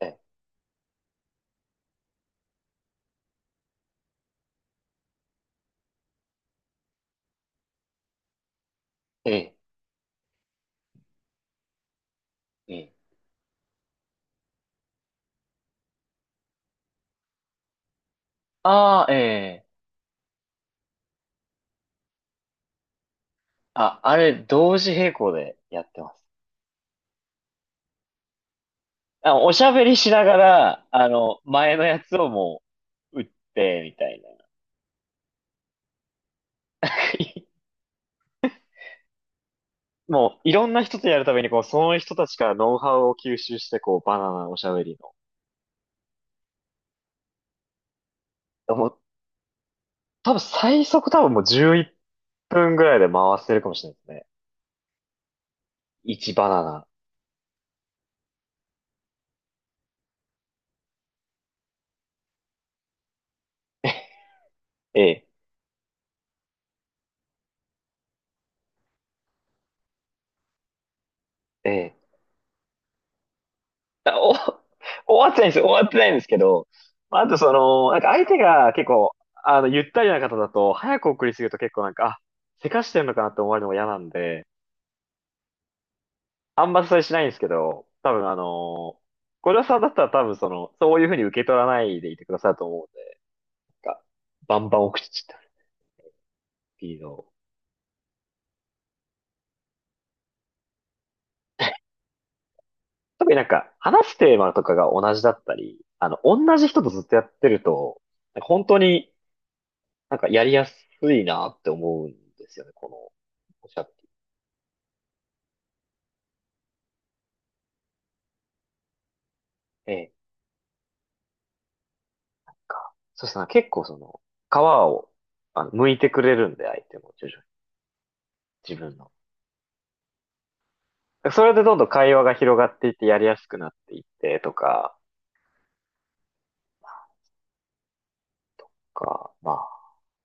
ええ、ええ、ええ。ああ、ええ。あ、あれ、同時並行でやってます。あ、おしゃべりしながら、前のやつをもう、打って、みたいな。もう、いろんな人とやるために、こう、その人たちからノウハウを吸収して、こう、バナナおしゃべりの。もう、多分最速、多分もう11分ぐらいで回せるかもしれないですね。1バナナ。ええ、ええ。あお、終わってないんですよ。終わってないんですけど、まああとその、なんか相手が結構、ゆったりな方だと、早く送りすぎると結構なんか、あ、せかしてんのかなって思われるのが嫌なんで、あんまそれしないんですけど、多分あの小はさんだったら多分その、そういうふうに受け取らないでいてくださると思うんで、なんか、バンバン送っちゃったっていうのを。特になんか、話すテーマとかが同じだったり、同じ人とずっとやってると、なんか本当になんかやりやすいなって思うんですよね、この、おしゃべり。ええ、か。そうですね、結構その、皮を、剥いてくれるんで、相手も徐々に、自分の。それでどんどん会話が広がっていってやりやすくなっていってとか、か、まあ、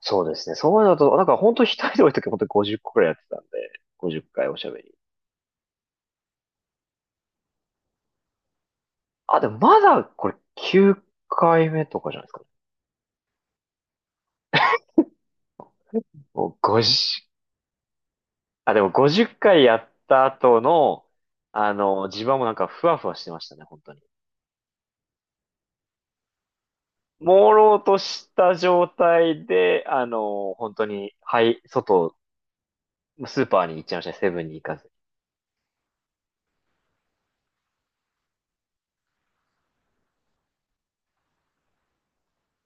そうですね。そういうのと、なんか本当一人で多い時本当に50個くらいやってたんで、50回おしゃべり。あ、でもまだこれ9回目とかじゃないですかね。もう50あ、でも50回やった後の、地盤もなんかふわふわしてましたね、本当に。朦朧とした状態で、本当に、はい、外、スーパーに行っちゃいましたね、セブンに行かず。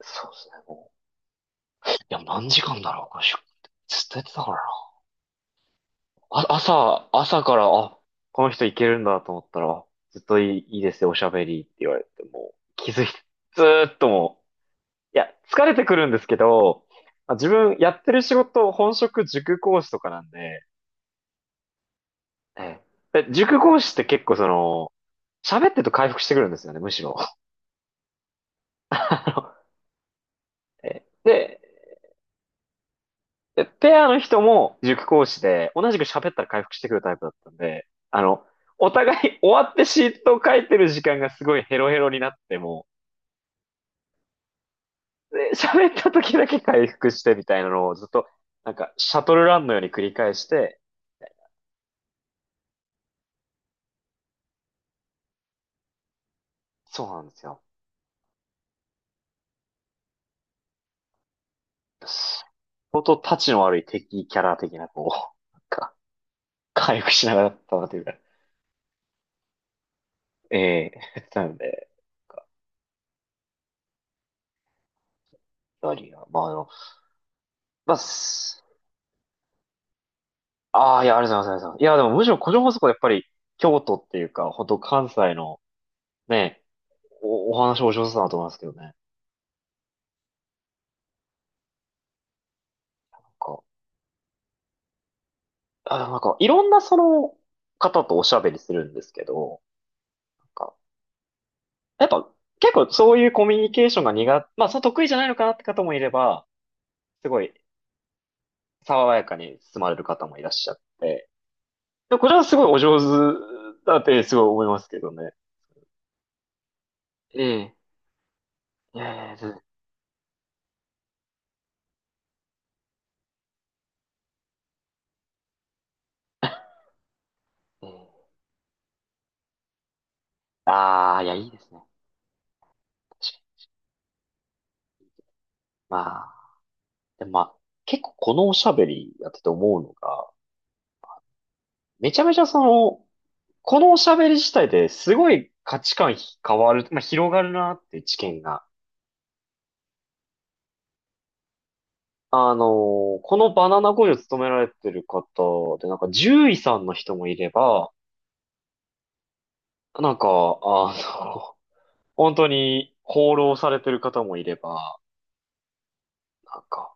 そうですね、もう。いや、何時間だろう、ずっとやってたからな。あ、朝から、あ、この人いけるんだと思ったら、あずっといい、いいですよ、おしゃべりって言われて、もう、気づいて、ずーっともう、いや、疲れてくるんですけど、まあ自分やってる仕事、本職塾講師とかなんで、ええ。で塾講師って結構その、喋ってると回復してくるんですよね、むしろ。あのえ で、ペアの人も塾講師で、同じく喋ったら回復してくるタイプだったんで、お互い終わってシートを書いてる時間がすごいヘロヘロになっても、で、喋った時だけ回復してみたいなのをずっと、なんか、シャトルランのように繰り返して、そうなんですよ。相当タチの悪い敵キャラ的な、こう、なんか、回復しながらだったなというか、ええー なので、なんか何が、まああの、まあ、すああ、いや、ありがとうございますありがとうございます。いや、でもむしろ個人放送はやっぱり、京都っていうか、本当関西の、ね、お話お上手だなと思いますけどね。なんか、あ、でもなんか、いろんなその方とおしゃべりするんですけど、なんか、やっぱ、結構そういうコミュニケーションが苦手、まあ、その得意じゃないのかなって方もいれば、すごい爽やかに進まれる方もいらっしゃって、やこれはすごいお上手だってすごい思いますけどね。ええ。いやいや、ずええ。ああ、いや、いいですね。確かに。まあ、でもまあ、結構このおしゃべりやってて思うのが、めちゃめちゃその、このおしゃべり自体ですごい価値観変わる、まあ、広がるなって知見が。あのこのバナナ工場勤められてる方で、なんか獣医さんの人もいれば、なんか、の、本当に放浪されてる方もいれば、なんか、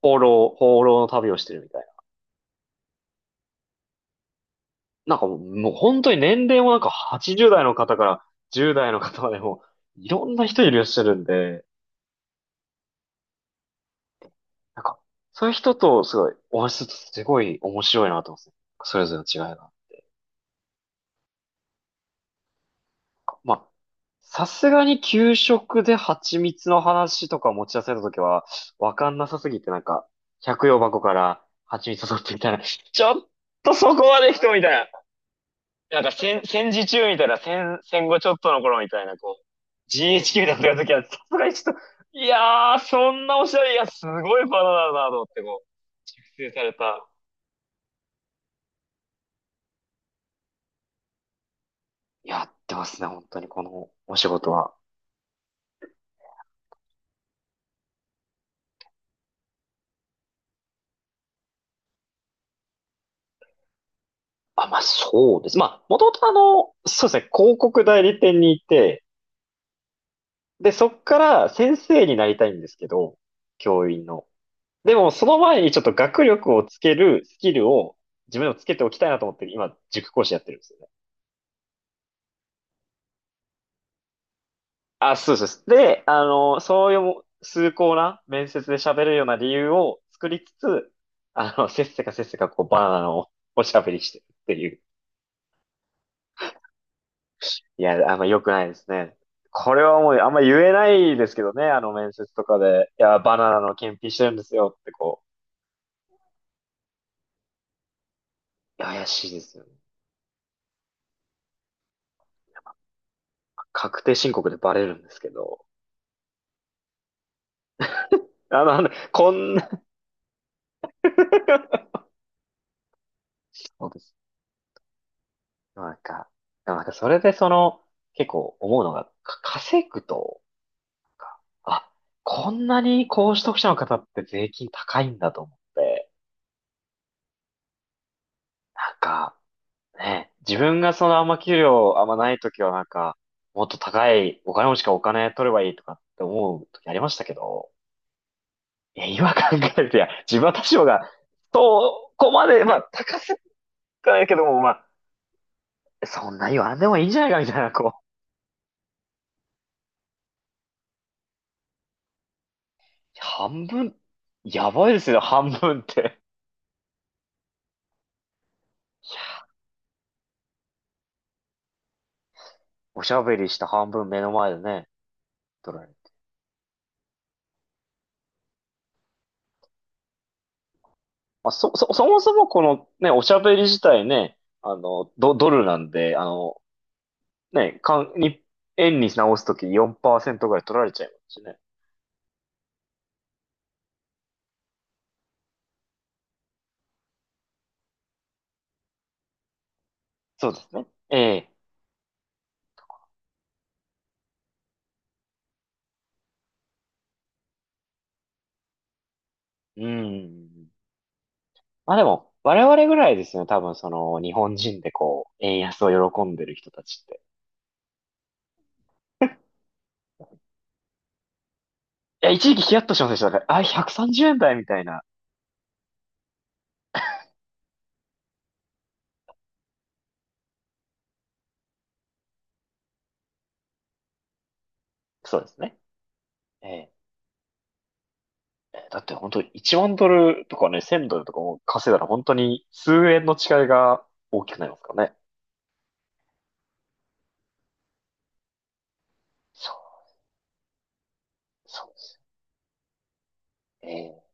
放浪、放浪の旅をしてるみたいな。なんかもう、もう本当に年齢もなんか80代の方から10代の方までも、いろんな人いらっしゃるんで、なんか、そういう人とすごいお話しするとすごい面白いなと思うんですね。それぞれの違いが。まあ、さすがに給食で蜂蜜の話とか持ち出されたときは、わかんなさすぎてなんか、百葉箱から蜂蜜取ってみたいな、ちょっとそこまで人みたいな。なんか戦時中みたいな、戦後ちょっとの頃みたいな、こう、GHQ だった時は、さすがにちょっと、いやー、そんなおしゃれ、いや、すごいバナナだなと思って、こう、熟成された。やってますね、本当に、このお仕事は。あ、まあ、そうです。まあ、もともとそうですね、広告代理店にいて、で、そっから先生になりたいんですけど、教員の。でも、その前にちょっと学力をつけるスキルを自分でもつけておきたいなと思って、今、塾講師やってるんですよ。あ、そうですそうです。で、そういう崇高な面接で喋れるような理由を作りつつ、せっせかせっせかこうバナナのおしゃべりしてるっていう。いや、あんま良くないですね。これはもうあんま言えないですけどね、あの面接とかで。いや、バナナの検品してるんですよってこう。いや怪しいですよね。確定申告でバレるんですけど。あのこんな そうです。なんか、なんかそれでその、結構思うのが、稼ぐとあ、こんなに高所得者の方って税金高いんだと思って、なんか、ね、自分がそのあんま給料あんまない時はなんか、もっと高いお金持ちからお金取ればいいとかって思う時ありましたけど、いや、今考えると、いや、自分は多少が、そこまで、まあ、高すぎはないけども、まあ、そんな言わんでもいいんじゃないかみたいな、こう、半分、やばいですよ、半分って。おしゃべりした半分目の前でね、取られる。まあ、そもそもこのね、おしゃべり自体ね、ドルなんで、ね、かん、に、円に直すとき4%ぐらい取られちゃいますしね。そうですね。ええ。うん。まあでも、我々ぐらいですね。多分その、日本人でこう、円安を喜んでる人たちって。いや、一時期ヒヤッとしませんでした。だから、あ、130円台みたいな。そうですね。ええ。だって本当1万ドルとかね、1000ドルとかも稼いだら本当に数円の違いが大きくなりますからね。そう、そうです。え